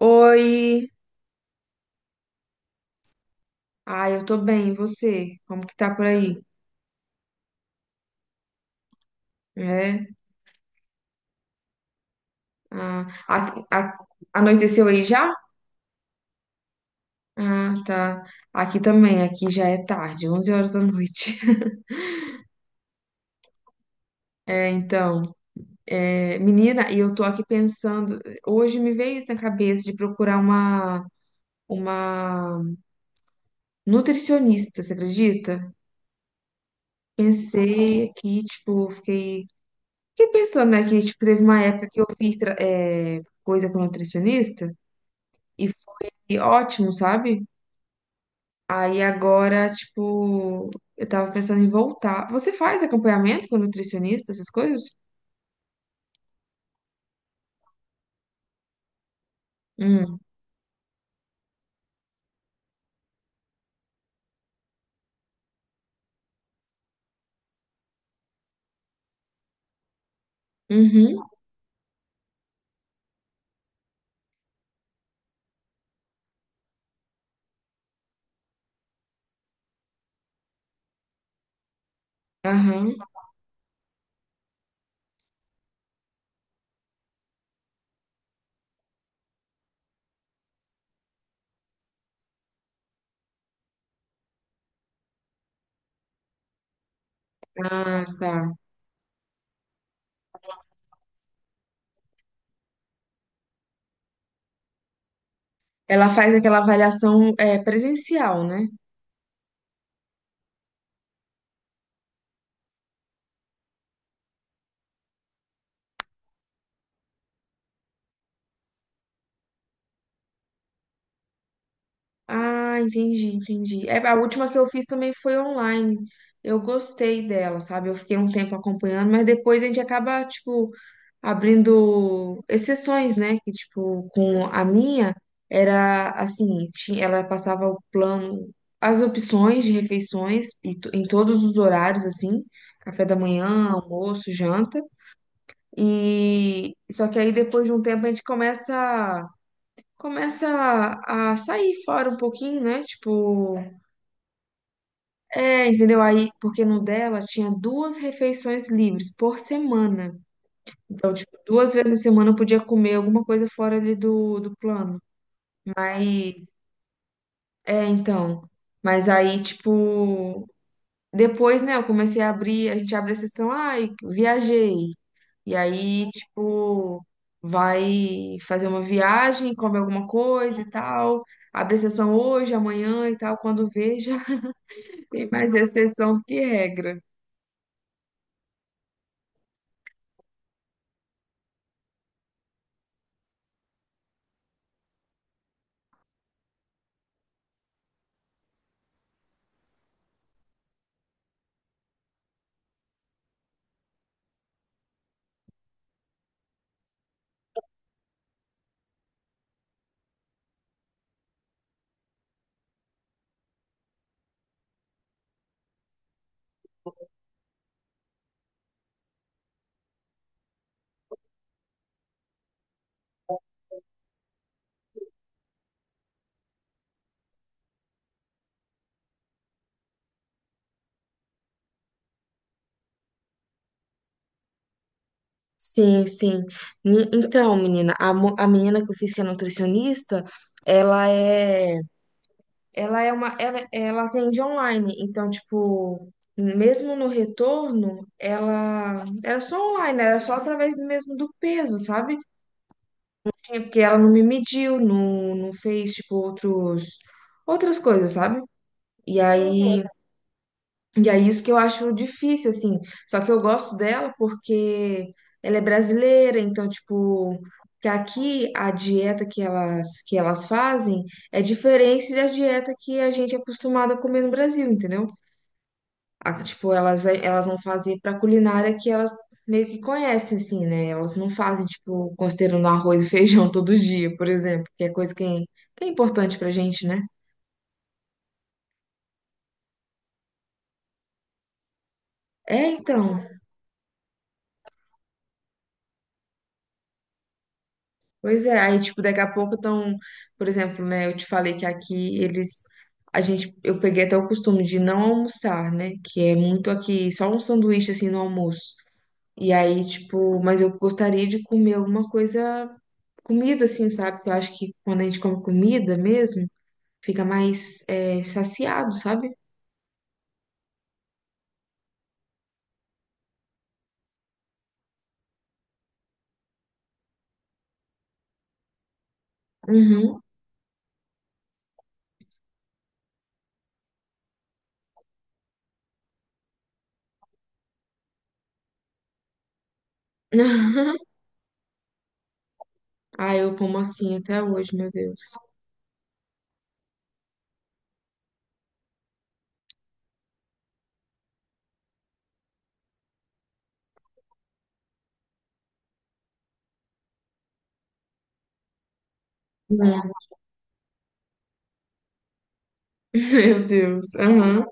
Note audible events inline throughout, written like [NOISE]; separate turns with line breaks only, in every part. Oi! Ai, eu tô bem, e você? Como que tá por aí? É? Ah, anoiteceu aí já? Ah, tá. Aqui também, aqui já é tarde, 11 horas da noite. [LAUGHS] É, então, menina, e eu tô aqui pensando, hoje me veio isso na cabeça de procurar uma nutricionista, você acredita? Pensei aqui, tipo, fiquei pensando, né, que tipo, teve uma época que eu fiz coisa com nutricionista, e e ótimo, sabe? Aí agora, tipo, eu tava pensando em voltar. Você faz acompanhamento com nutricionista, essas coisas? Hum, uhum, aham. Ah, tá. Ela faz aquela avaliação, é, presencial, né? Ah, entendi, entendi. É, a última que eu fiz também foi online. Eu gostei dela, sabe? Eu fiquei um tempo acompanhando, mas depois a gente acaba, tipo, abrindo exceções, né? Que, tipo, com a minha, era assim, ela passava o plano, as opções de refeições e em todos os horários, assim, café da manhã, almoço, janta. E só que aí depois de um tempo a gente começa a sair fora um pouquinho, né? Tipo, é, entendeu? Aí, porque no dela tinha duas refeições livres por semana. Então, tipo, duas vezes na semana eu podia comer alguma coisa fora ali do plano. Mas, é, então. Mas aí, tipo, depois, né, eu comecei a abrir, a gente abre a sessão, ai, viajei. E aí, tipo, vai fazer uma viagem, come alguma coisa e tal. Abre a sessão hoje, amanhã e tal, quando veja, [LAUGHS] tem mais exceção do que regra. Sim, sim. Então, menina, a menina que eu fiz que é nutricionista, ela é ela é ela atende online, então, tipo, mesmo no retorno, ela era só online, era só através do mesmo do peso, sabe? É. Porque ela não me mediu, não, não fez, tipo, outras coisas, sabe? E aí, e é isso que eu acho difícil, assim. Só que eu gosto dela porque ela é brasileira, então, tipo, que aqui a dieta que elas fazem é diferente da dieta que a gente é acostumado a comer no Brasil, entendeu? Ah, tipo, elas vão fazer pra culinária que elas meio que conhecem, assim, né? Elas não fazem, tipo, considerando arroz e [LAUGHS] feijão todo dia, por exemplo, que é que é importante pra gente, né? É, então. Pois é, aí, tipo, daqui a pouco estão, por exemplo, né, eu te falei que aqui eles, a gente, eu peguei até o costume de não almoçar, né, que é muito aqui, só um sanduíche, assim, no almoço, e aí, tipo, mas eu gostaria de comer alguma coisa, comida, assim, sabe, que eu acho que quando a gente come comida mesmo, fica mais, é, saciado, sabe? Uhum. [LAUGHS] Ah, eu como assim até hoje, meu Deus. Hum. [LAUGHS] Meu Deus, aham,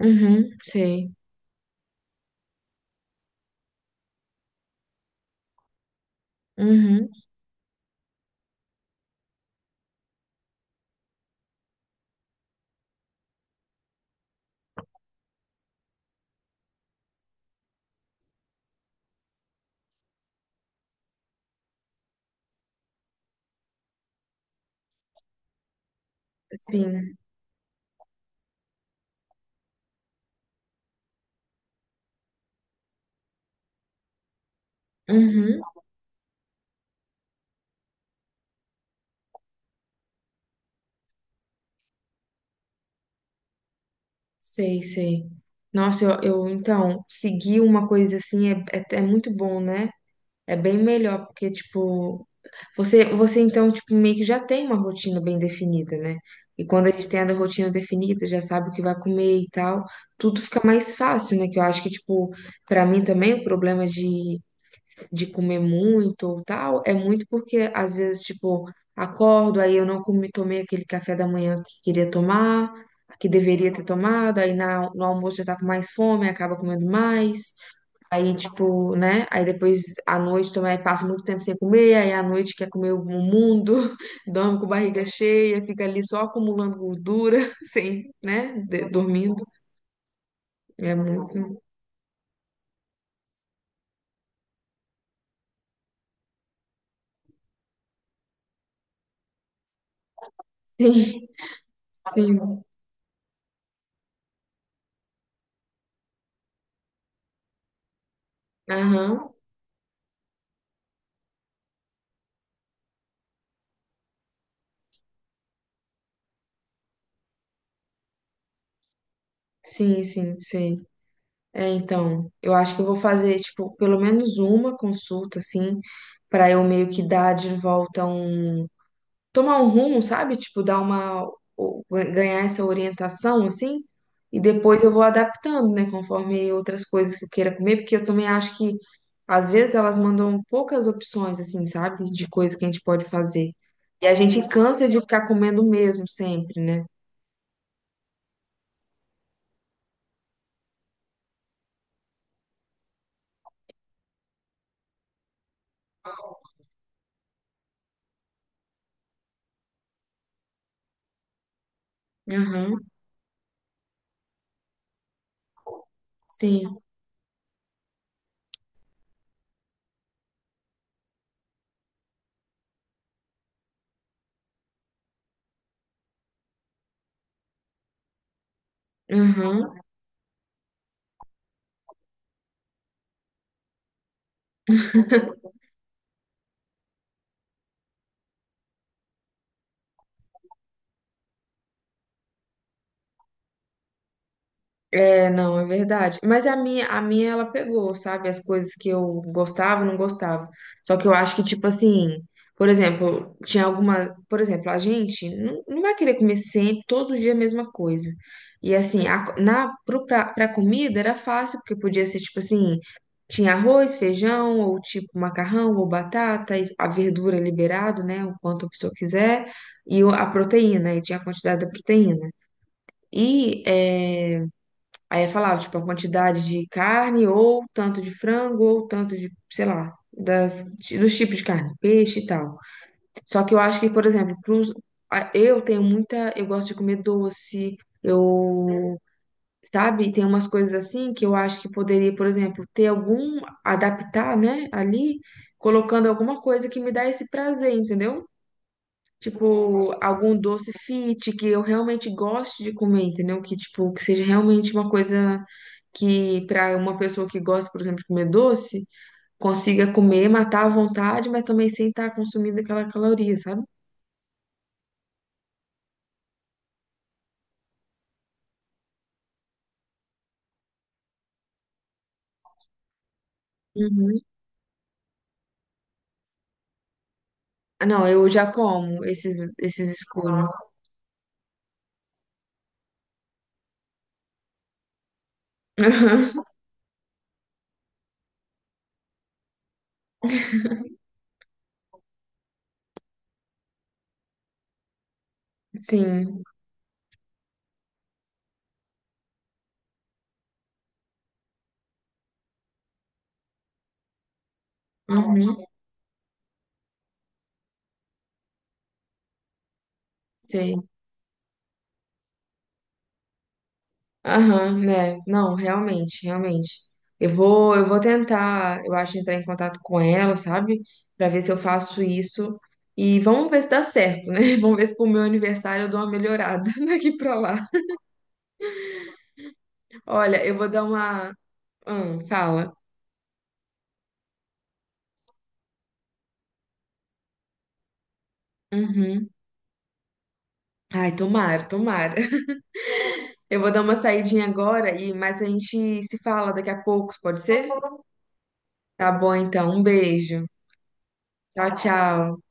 uhum, sei, uhum, sim. Uhum, sei, sei. Nossa, eu então, seguir uma coisa assim é muito bom, né? É bem melhor, porque, tipo, você então, tipo, meio que já tem uma rotina bem definida, né? E quando a gente tem a rotina definida, já sabe o que vai comer e tal, tudo fica mais fácil, né? Que eu acho que, tipo, pra mim também o problema de comer muito ou tal é muito porque, às vezes, tipo, acordo, aí eu não comi, tomei aquele café da manhã que queria tomar, que deveria ter tomado, aí no almoço já tá com mais fome, acaba comendo mais. Aí, tipo, né? Aí depois à noite também passa muito tempo sem comer, aí à noite quer comer o mundo, [LAUGHS] dorme com barriga cheia, fica ali só acumulando gordura, [LAUGHS] sem, né? Dormindo. É muito. Sim, sim. Aham. Sim, sim, sim. É, então, eu acho que eu vou fazer, tipo, pelo menos uma consulta, assim, pra eu meio que dar de volta um tomar um rumo, sabe? Tipo, dar uma, o- ganhar essa orientação, assim, e depois eu vou adaptando, né, conforme outras coisas que eu queira comer, porque eu também acho que, às vezes, elas mandam poucas opções, assim, sabe? De coisas que a gente pode fazer. E a gente cansa de ficar comendo o mesmo sempre, né? Aham, sim. Aham. É, não, é verdade. Mas a minha ela pegou, sabe? As coisas que eu gostava, não gostava. Só que eu acho que, tipo assim, por exemplo, tinha alguma. Por exemplo, a gente não vai querer comer sempre, todo dia a mesma coisa. E assim, a, co- na, pro, pra, pra comida era fácil, porque podia ser, tipo assim, tinha arroz, feijão, ou tipo macarrão, ou batata, e a verdura liberado, né? O quanto a pessoa quiser, e a proteína, e tinha a quantidade da proteína. E. É, Aí eu falava, tipo, a quantidade de carne, ou tanto de frango, ou tanto de, sei lá, das, dos tipos de carne, peixe e tal. Só que eu acho que, por exemplo, eu tenho muita. Eu gosto de comer doce, eu. Sabe? Tem umas coisas assim que eu acho que poderia, por exemplo, ter algum. Adaptar, né? Ali, colocando alguma coisa que me dá esse prazer, entendeu? Tipo, algum doce fit que eu realmente goste de comer, entendeu? Que, tipo, que seja realmente uma coisa que, pra uma pessoa que gosta, por exemplo, de comer doce, consiga comer, matar à vontade, mas também sem estar consumindo aquela caloria, sabe? Uhum. Ah, não, eu já como esses, esses escuros. [LAUGHS] Sim. Uhum. Sei. Aham, né? Não, realmente, realmente. Eu vou tentar, eu acho, entrar em contato com ela, sabe? Pra ver se eu faço isso. E vamos ver se dá certo, né? [LAUGHS] Vamos ver se pro meu aniversário eu dou uma melhorada [LAUGHS] daqui pra lá. Olha, eu vou dar uma. Fala. Uhum. Ai, tomara, tomara. [LAUGHS] Eu vou dar uma saidinha agora, e mas a gente se fala daqui a pouco, pode ser? Tá bom, então. Um beijo. Tchau, tchau.